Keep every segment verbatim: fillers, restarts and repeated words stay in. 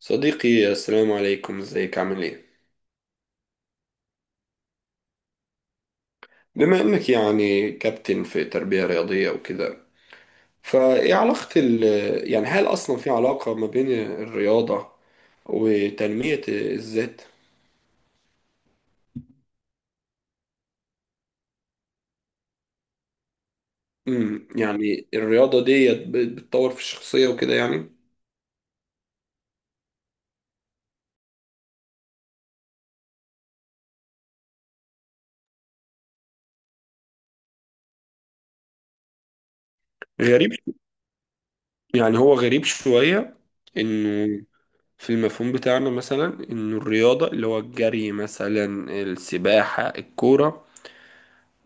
صديقي، السلام عليكم. ازيك؟ عامل ايه؟ بما انك يعني كابتن في تربية رياضية وكده، فايه علاقة ال يعني هل اصلا في علاقة ما بين الرياضة وتنمية الذات؟ امم يعني الرياضة ديت بت- بتطور في الشخصية وكده يعني. غريب، يعني هو غريب شوية انه في المفهوم بتاعنا مثلا انه الرياضة اللي هو الجري مثلا، السباحة، الكورة،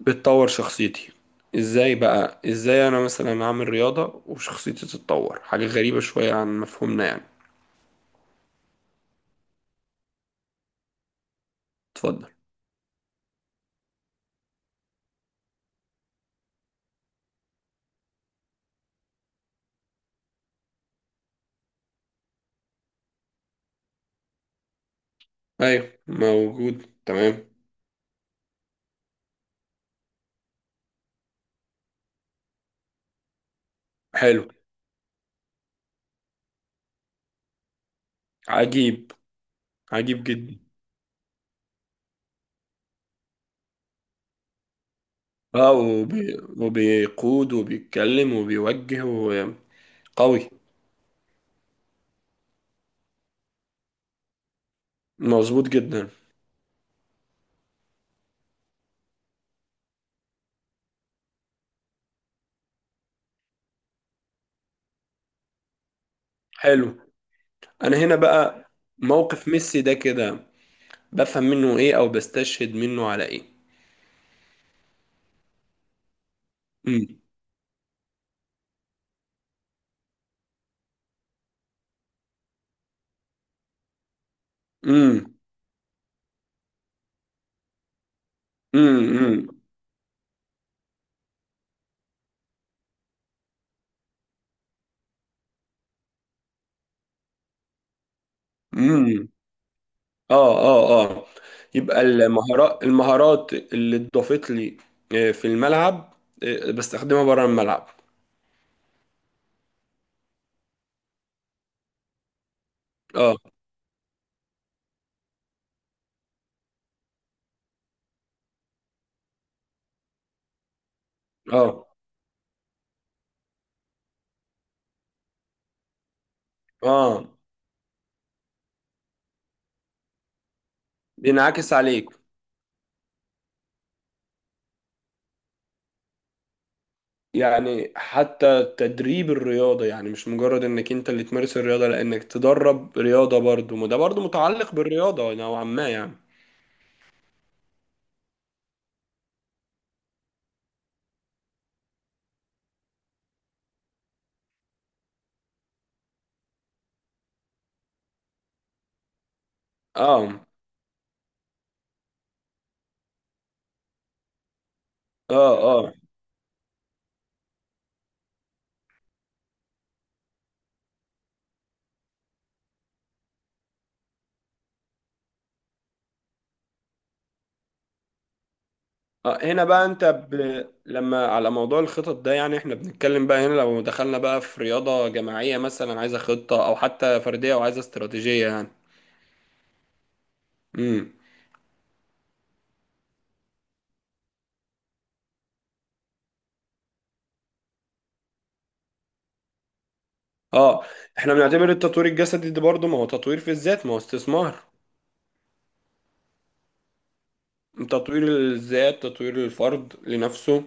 بتطور شخصيتي. ازاي بقى؟ ازاي انا مثلا اعمل رياضة وشخصيتي تتطور؟ حاجة غريبة شوية عن مفهومنا يعني. اتفضل. ايوه، موجود، تمام. حلو. عجيب. عجيب جدا. اه وبي... وبيقود وبيتكلم وبيوجه وقوي. مظبوط جدا. حلو. انا هنا بقى، موقف ميسي ده كده بفهم منه ايه او بستشهد منه على ايه؟ امم. امم. امم. امم. اه، اه، اه. يبقى المهارات المهارات اللي اتضافت لي آه، في الملعب، آه، بستخدمها بره الملعب. اه، اه، اه. بينعكس عليك. يعني حتى تدريب الرياضة، يعني مش مجرد انك انت اللي تمارس الرياضة، لانك تدرب رياضة برضو، ما ده برضو متعلق بالرياضة نوعا ما يعني. اه، اه. آه. اه هنا بقى انت ب... لما على موضوع الخطط ده يعني احنا بنتكلم بقى هنا، لو دخلنا بقى في رياضة جماعية مثلا عايزة خطة، او حتى فردية وعايزة استراتيجية يعني. امم. اه، احنا بنعتبر التطوير الجسدي ده برضه ما هو تطوير في الذات، ما هو استثمار؟ تطوير الذات تطوير الفرد لنفسه.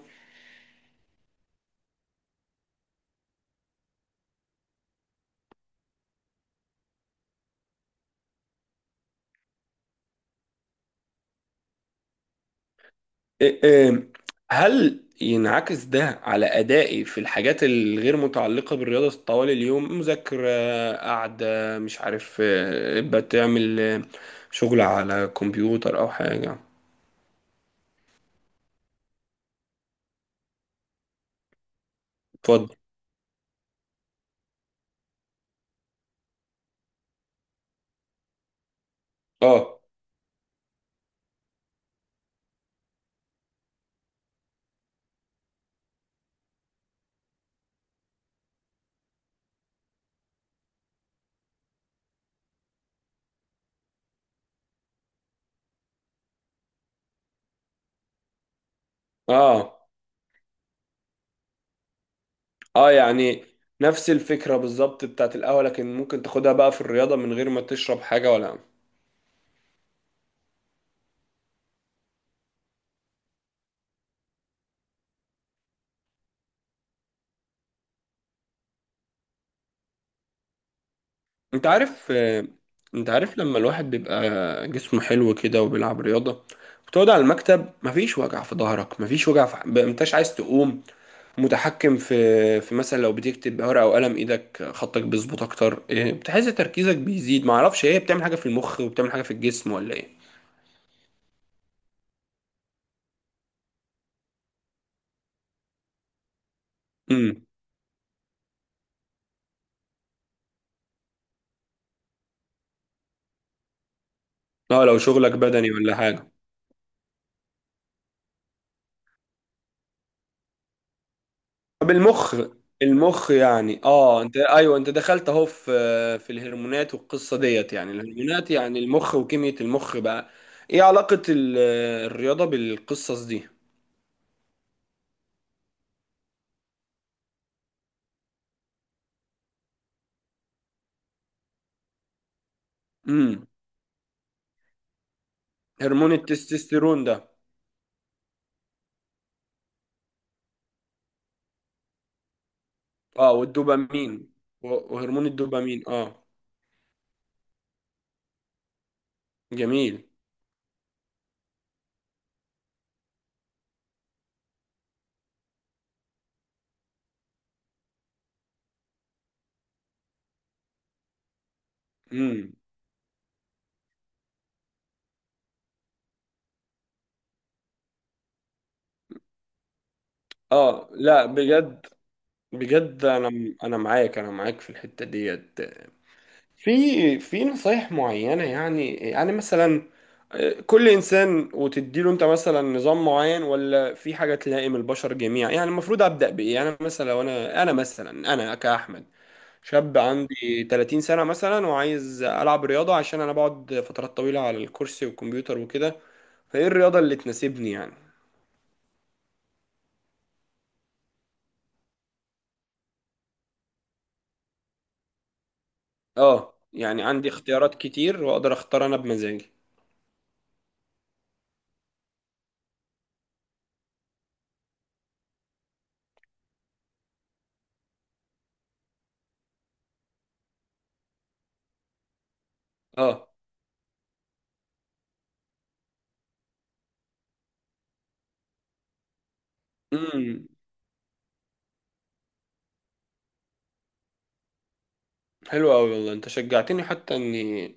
إيه- إيه، هل ينعكس ده على أدائي في الحاجات الغير متعلقة بالرياضة طوال اليوم؟ مذاكرة، قاعدة، مش عارف، آه، بتعمل آه، شغل على كمبيوتر أو حاجة. اتفضل. اه، اه، اه. يعني نفس الفكرة بالظبط بتاعت القهوة، لكن ممكن تاخدها بقى في الرياضة من غير ما تشرب حاجة ولا؟ انت عارف آه، انت عارف لما الواحد بيبقى جسمه حلو كده وبيلعب رياضة، بتقعد على المكتب، مفيش وجع في ظهرك، مفيش وجع في ب- انتش عايز تقوم، متحكم في في مثلا لو بتكتب بورقة او قلم ايدك خطك بيظبط اكتر، آه، بتحس تركيزك بيزيد. معرفش ايه، بتعمل حاجة في المخ وبتعمل حاجة في الجسم ولا ايه؟ امم. اه، لو شغلك بدني ولا حاجة. طب المخ، المخ يعني اه انت، ايوه، انت دخلت اهو في في الهرمونات والقصه ديت. يعني الهرمونات يعني المخ وكيمياء المخ بقى، ايه علاقه ال- الرياضه بالقصص دي؟ امم. هرمون التستوستيرون ده. اه والدوبامين و- وهرمون الدوبامين اه جميل. امم. اه. لا بجد، بجد انا انا معاك، انا معاك في الحته ديت. في في نصايح معينة، يعني يعني مثلا، آه، كل إنسان وتديله، أنت مثلا نظام معين، ولا في حاجة تلائم البشر جميعا يعني؟ المفروض أبدأ بإيه؟ يعني مثلا لو أنا، أنا مثلا أنا كأحمد شاب عندي 30 سنة مثلا، وعايز ألعب رياضة عشان أنا بقعد فترات طويلة على الكرسي والكمبيوتر وكده، فإيه الرياضة اللي تناسبني يعني؟ آه، يعني عندي اختيارات كتير وأقدر أختار أنا بمزاجي. آه. امم. حلو أوي والله، أنت شجعتني حتى إني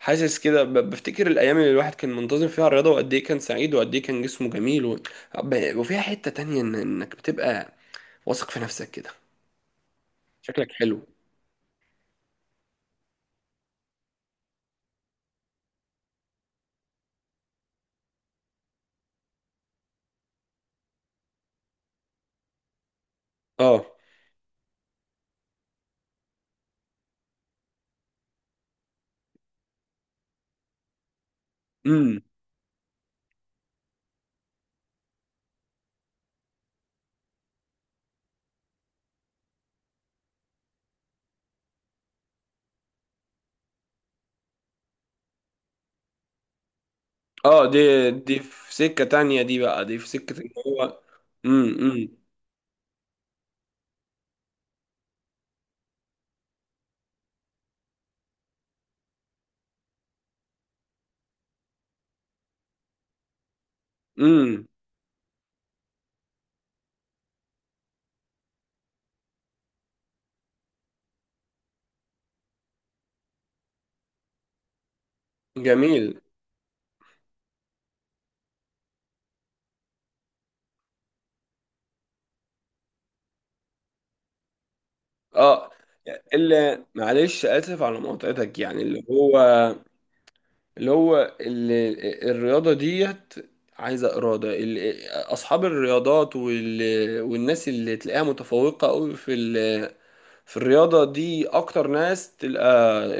حاسس كده ب- بفتكر الايام اللي الواحد كان منتظم فيها الرياضه، وقد ايه كان سعيد، وقد ايه كان جسمه جميل و... ب- وفيها حته تانية إن- انك بتبقى واثق في نفسك كده. شكلك حلو. اه. امم. اه، دي دي في سكه تانية، دي بقى دي في سكه ان هو. امم. امم. امم. جميل. اه. اللي، معلش، اسف على مقاطعتك، يعني اللي هو، اللي هو ال- الرياضة ديت عايزة إرادة ال- أصحاب الرياضات وال- والناس اللي تلاقيها متفوقة أوي في ال- في الرياضة دي، أكتر ناس تلقى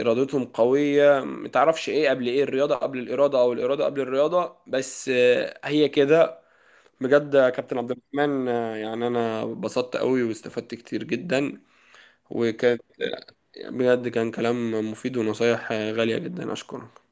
إرادتهم قوية. متعرفش إيه قبل إيه، الرياضة قبل الإرادة أو الإرادة قبل الرياضة، بس آه، هي كده. بجد يا كابتن عبد الرحمن، آه، يعني أنا اتبسطت أوي واستفدت كتير جدا. وكان، بجد، كان كلام مفيد ونصايح آه، غالية جدا. أشكره.